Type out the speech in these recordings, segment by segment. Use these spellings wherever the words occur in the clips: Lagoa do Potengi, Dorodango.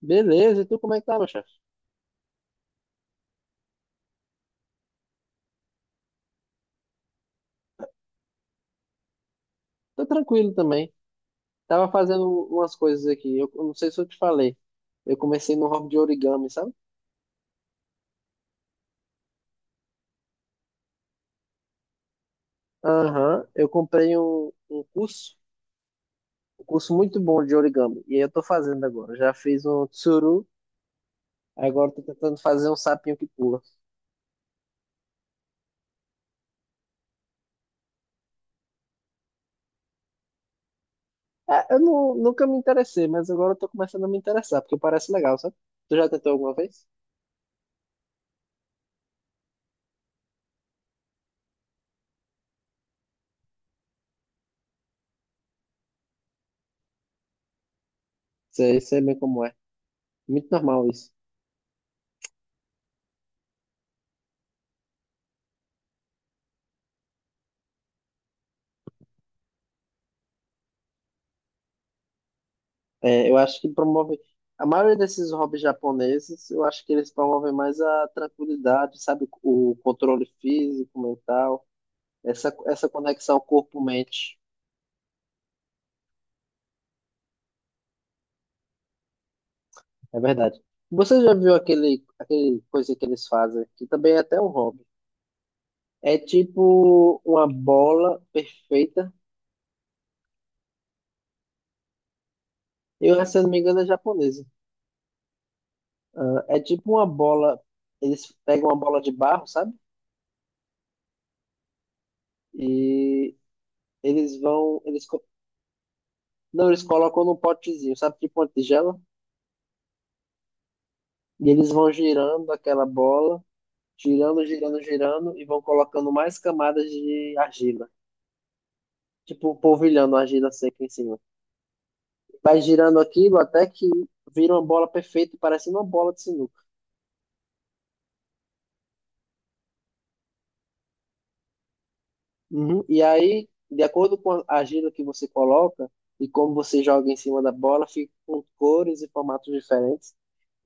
Beleza, e tu como é que tá, meu chefe? Tô tranquilo também. Tava fazendo umas coisas aqui. Eu não sei se eu te falei. Eu comecei no hobby de origami, sabe? Aham, eu comprei um curso, um curso muito bom de origami. E aí eu tô fazendo agora. Já fiz um tsuru, agora tô tentando fazer um sapinho que pula. É, eu não, nunca me interessei, mas agora eu tô começando a me interessar, porque parece legal, sabe? Tu já tentou alguma vez? Sei, sei bem como é. Muito normal isso. É, eu acho que promove. A maioria desses hobbies japoneses, eu acho que eles promovem mais a tranquilidade, sabe? O controle físico, mental, essa conexão corpo-mente. É verdade. Você já viu aquele coisa que eles fazem, que também é até um hobby? É tipo uma bola perfeita. Eu, se eu não me engano, é japonesa. Ah, é tipo uma bola. Eles pegam uma bola de barro, sabe? E eles vão. Eles, não, eles colocam num potezinho, sabe, tipo uma tigela? E eles vão girando aquela bola, girando, girando, girando, e vão colocando mais camadas de argila. Tipo, um polvilhando a argila seca em cima. Vai girando aquilo até que vira uma bola perfeita, parecendo uma bola de sinuca. Uhum. E aí, de acordo com a argila que você coloca e como você joga em cima da bola, fica com cores e formatos diferentes.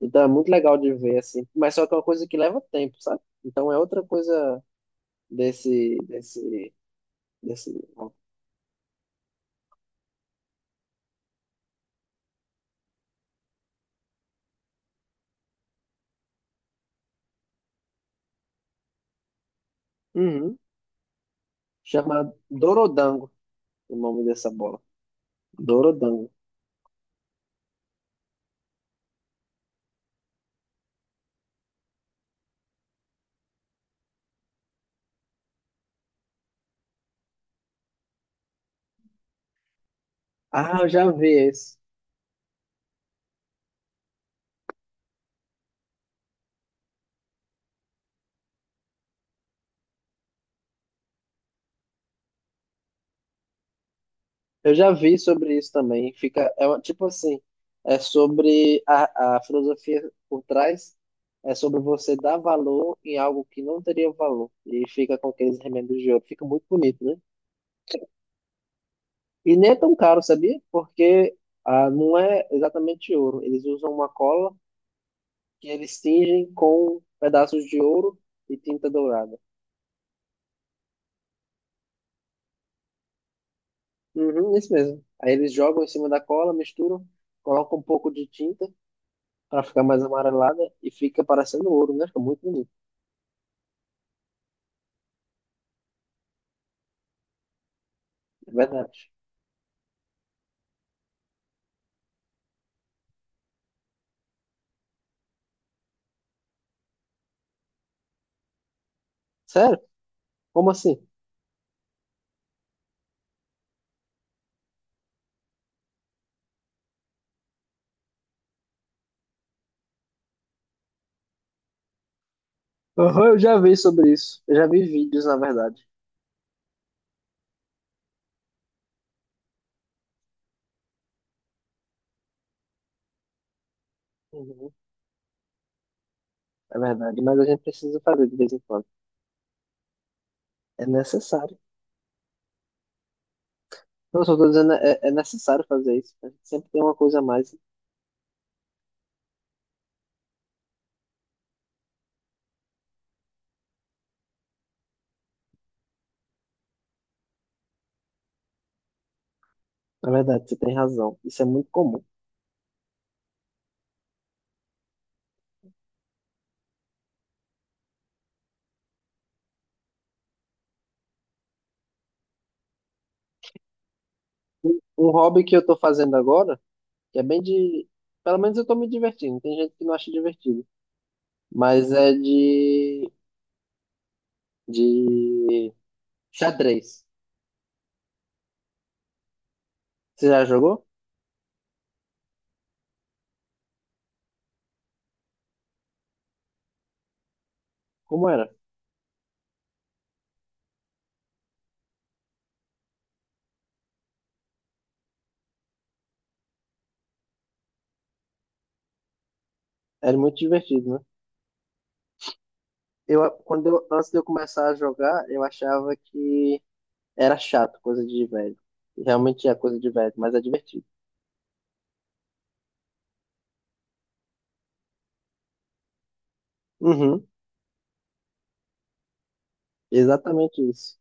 Então é muito legal de ver, assim. Mas só que é uma coisa que leva tempo, sabe? Então é outra coisa desse, desse desse, uhum, chamado Dorodango, o nome dessa bola. Dorodango. Ah, eu já vi esse. Eu já vi sobre isso também. Fica, é tipo assim, é sobre a filosofia por trás, é sobre você dar valor em algo que não teria valor. E fica com aqueles remendos de ouro. Fica muito bonito, né? E nem é tão caro, sabia? Porque ah, não é exatamente ouro. Eles usam uma cola que eles tingem com pedaços de ouro e tinta dourada. Uhum, isso mesmo. Aí eles jogam em cima da cola, misturam, colocam um pouco de tinta para ficar mais amarelada e fica parecendo ouro, né? Fica muito bonito, é verdade. Sério? Como assim? Aham, eu já vi sobre isso. Eu já vi vídeos, na verdade. Uhum, é verdade, mas a gente precisa fazer de vez em quando. É necessário. Eu só tô dizendo, é, é necessário fazer isso. A gente sempre tem uma coisa a mais. Na verdade, você tem razão. Isso é muito comum. Um hobby que eu tô fazendo agora, que é bem de. Pelo menos eu tô me divertindo. Tem gente que não acha divertido. Mas é de xadrez. Você já jogou? Como era? Era muito divertido, né? Eu, quando eu, antes de eu começar a jogar, eu achava que era chato, coisa de velho. Realmente é coisa de velho, mas é divertido. Uhum, exatamente isso.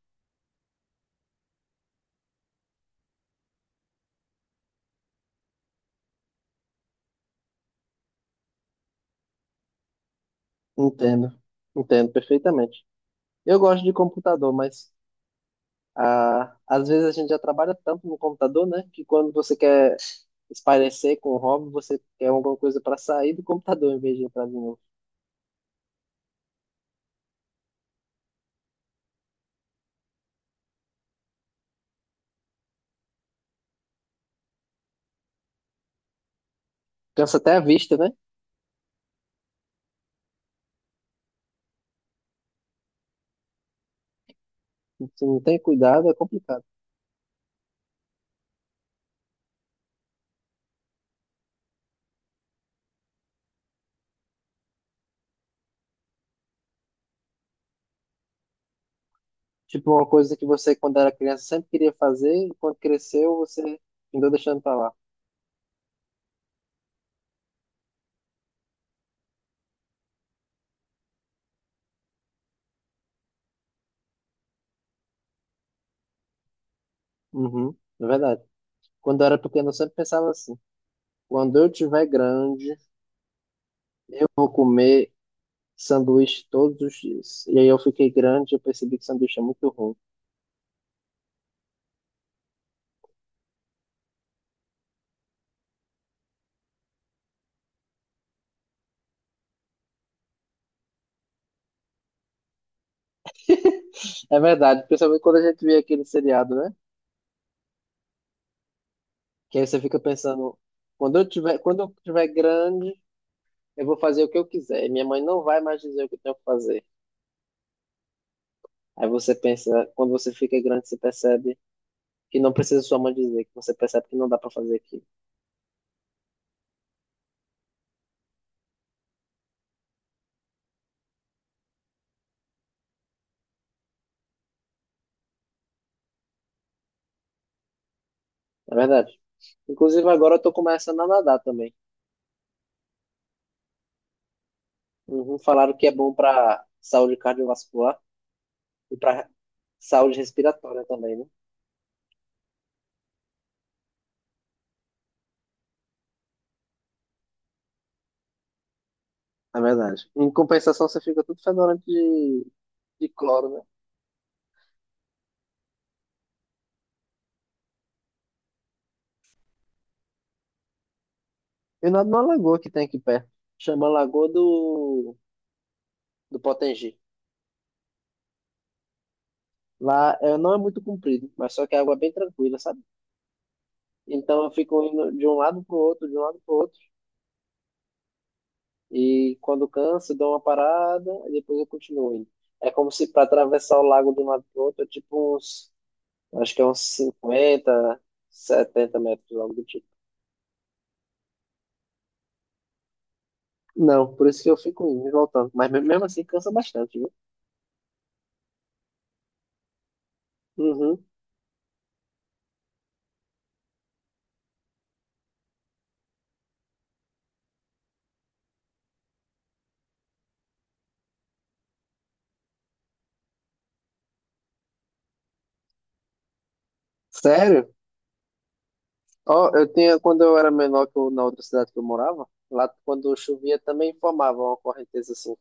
Entendo, entendo perfeitamente. Eu gosto de computador, mas ah, às vezes a gente já trabalha tanto no computador, né? Que quando você quer espairecer com o hobby, você quer alguma coisa para sair do computador em vez de entrar de novo. Cansa até a vista, né? Se não tem cuidado, é complicado. Tipo, uma coisa que você, quando era criança, sempre queria fazer, e quando cresceu, você andou deixando pra lá. Uhum, é verdade. Quando eu era pequeno, eu sempre pensava assim: quando eu tiver grande, eu vou comer sanduíche todos os dias. E aí eu fiquei grande e eu percebi que sanduíche é muito ruim. É verdade, principalmente quando a gente vê aquele seriado, né? Que aí você fica pensando: quando eu tiver grande, eu vou fazer o que eu quiser. E minha mãe não vai mais dizer o que eu tenho que fazer. Aí você pensa, quando você fica grande, você percebe que não precisa sua mãe dizer, que você percebe que não dá pra fazer aquilo. É verdade. Inclusive, agora eu tô começando a nadar também. Uhum, falaram que é bom pra saúde cardiovascular e pra saúde respiratória também, né? É verdade. Em compensação, você fica tudo fedorento de cloro, né? Eu nado numa lagoa que tem aqui perto. Chama Lagoa do Potengi. Lá é, não é muito comprido, mas só que a água é bem tranquila, sabe? Então eu fico indo de um lado pro outro, de um lado pro outro. E quando canso, dou uma parada e depois eu continuo. É como se para atravessar o lago de um lado para outro, é tipo uns, acho que é uns 50 70 metros, algo do tipo. Não, por isso que eu fico indo e voltando. Mas mesmo assim cansa bastante, viu? Uhum. Sério? Ó, eu tinha, quando eu era menor na outra cidade que eu morava, lá quando chovia também formava uma correnteza assim.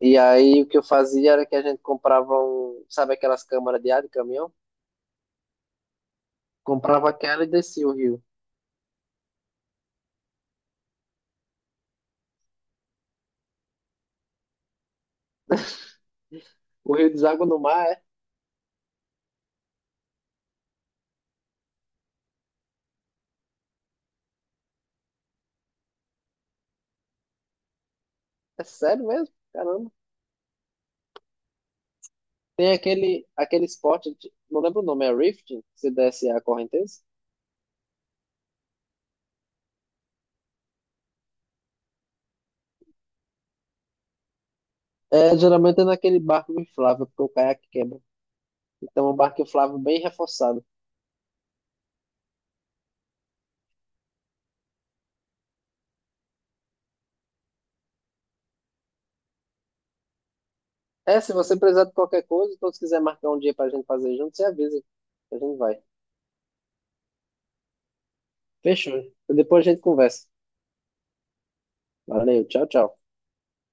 E aí o que eu fazia era que a gente comprava um, sabe aquelas câmaras de ar de caminhão? Comprava aquela e descia o rio. O rio deságua no mar. É sério mesmo? Caramba. Tem aquele esporte, de- não lembro o nome, é rafting? Se desce a correnteza? É, geralmente é naquele barco inflável, porque o caiaque quebra. Então é um barco inflável bem reforçado. É, se você precisar de qualquer coisa, ou se quiser marcar um dia pra gente fazer junto, você avisa. A gente vai. Fechou. Depois a gente conversa. Valeu, tchau, tchau.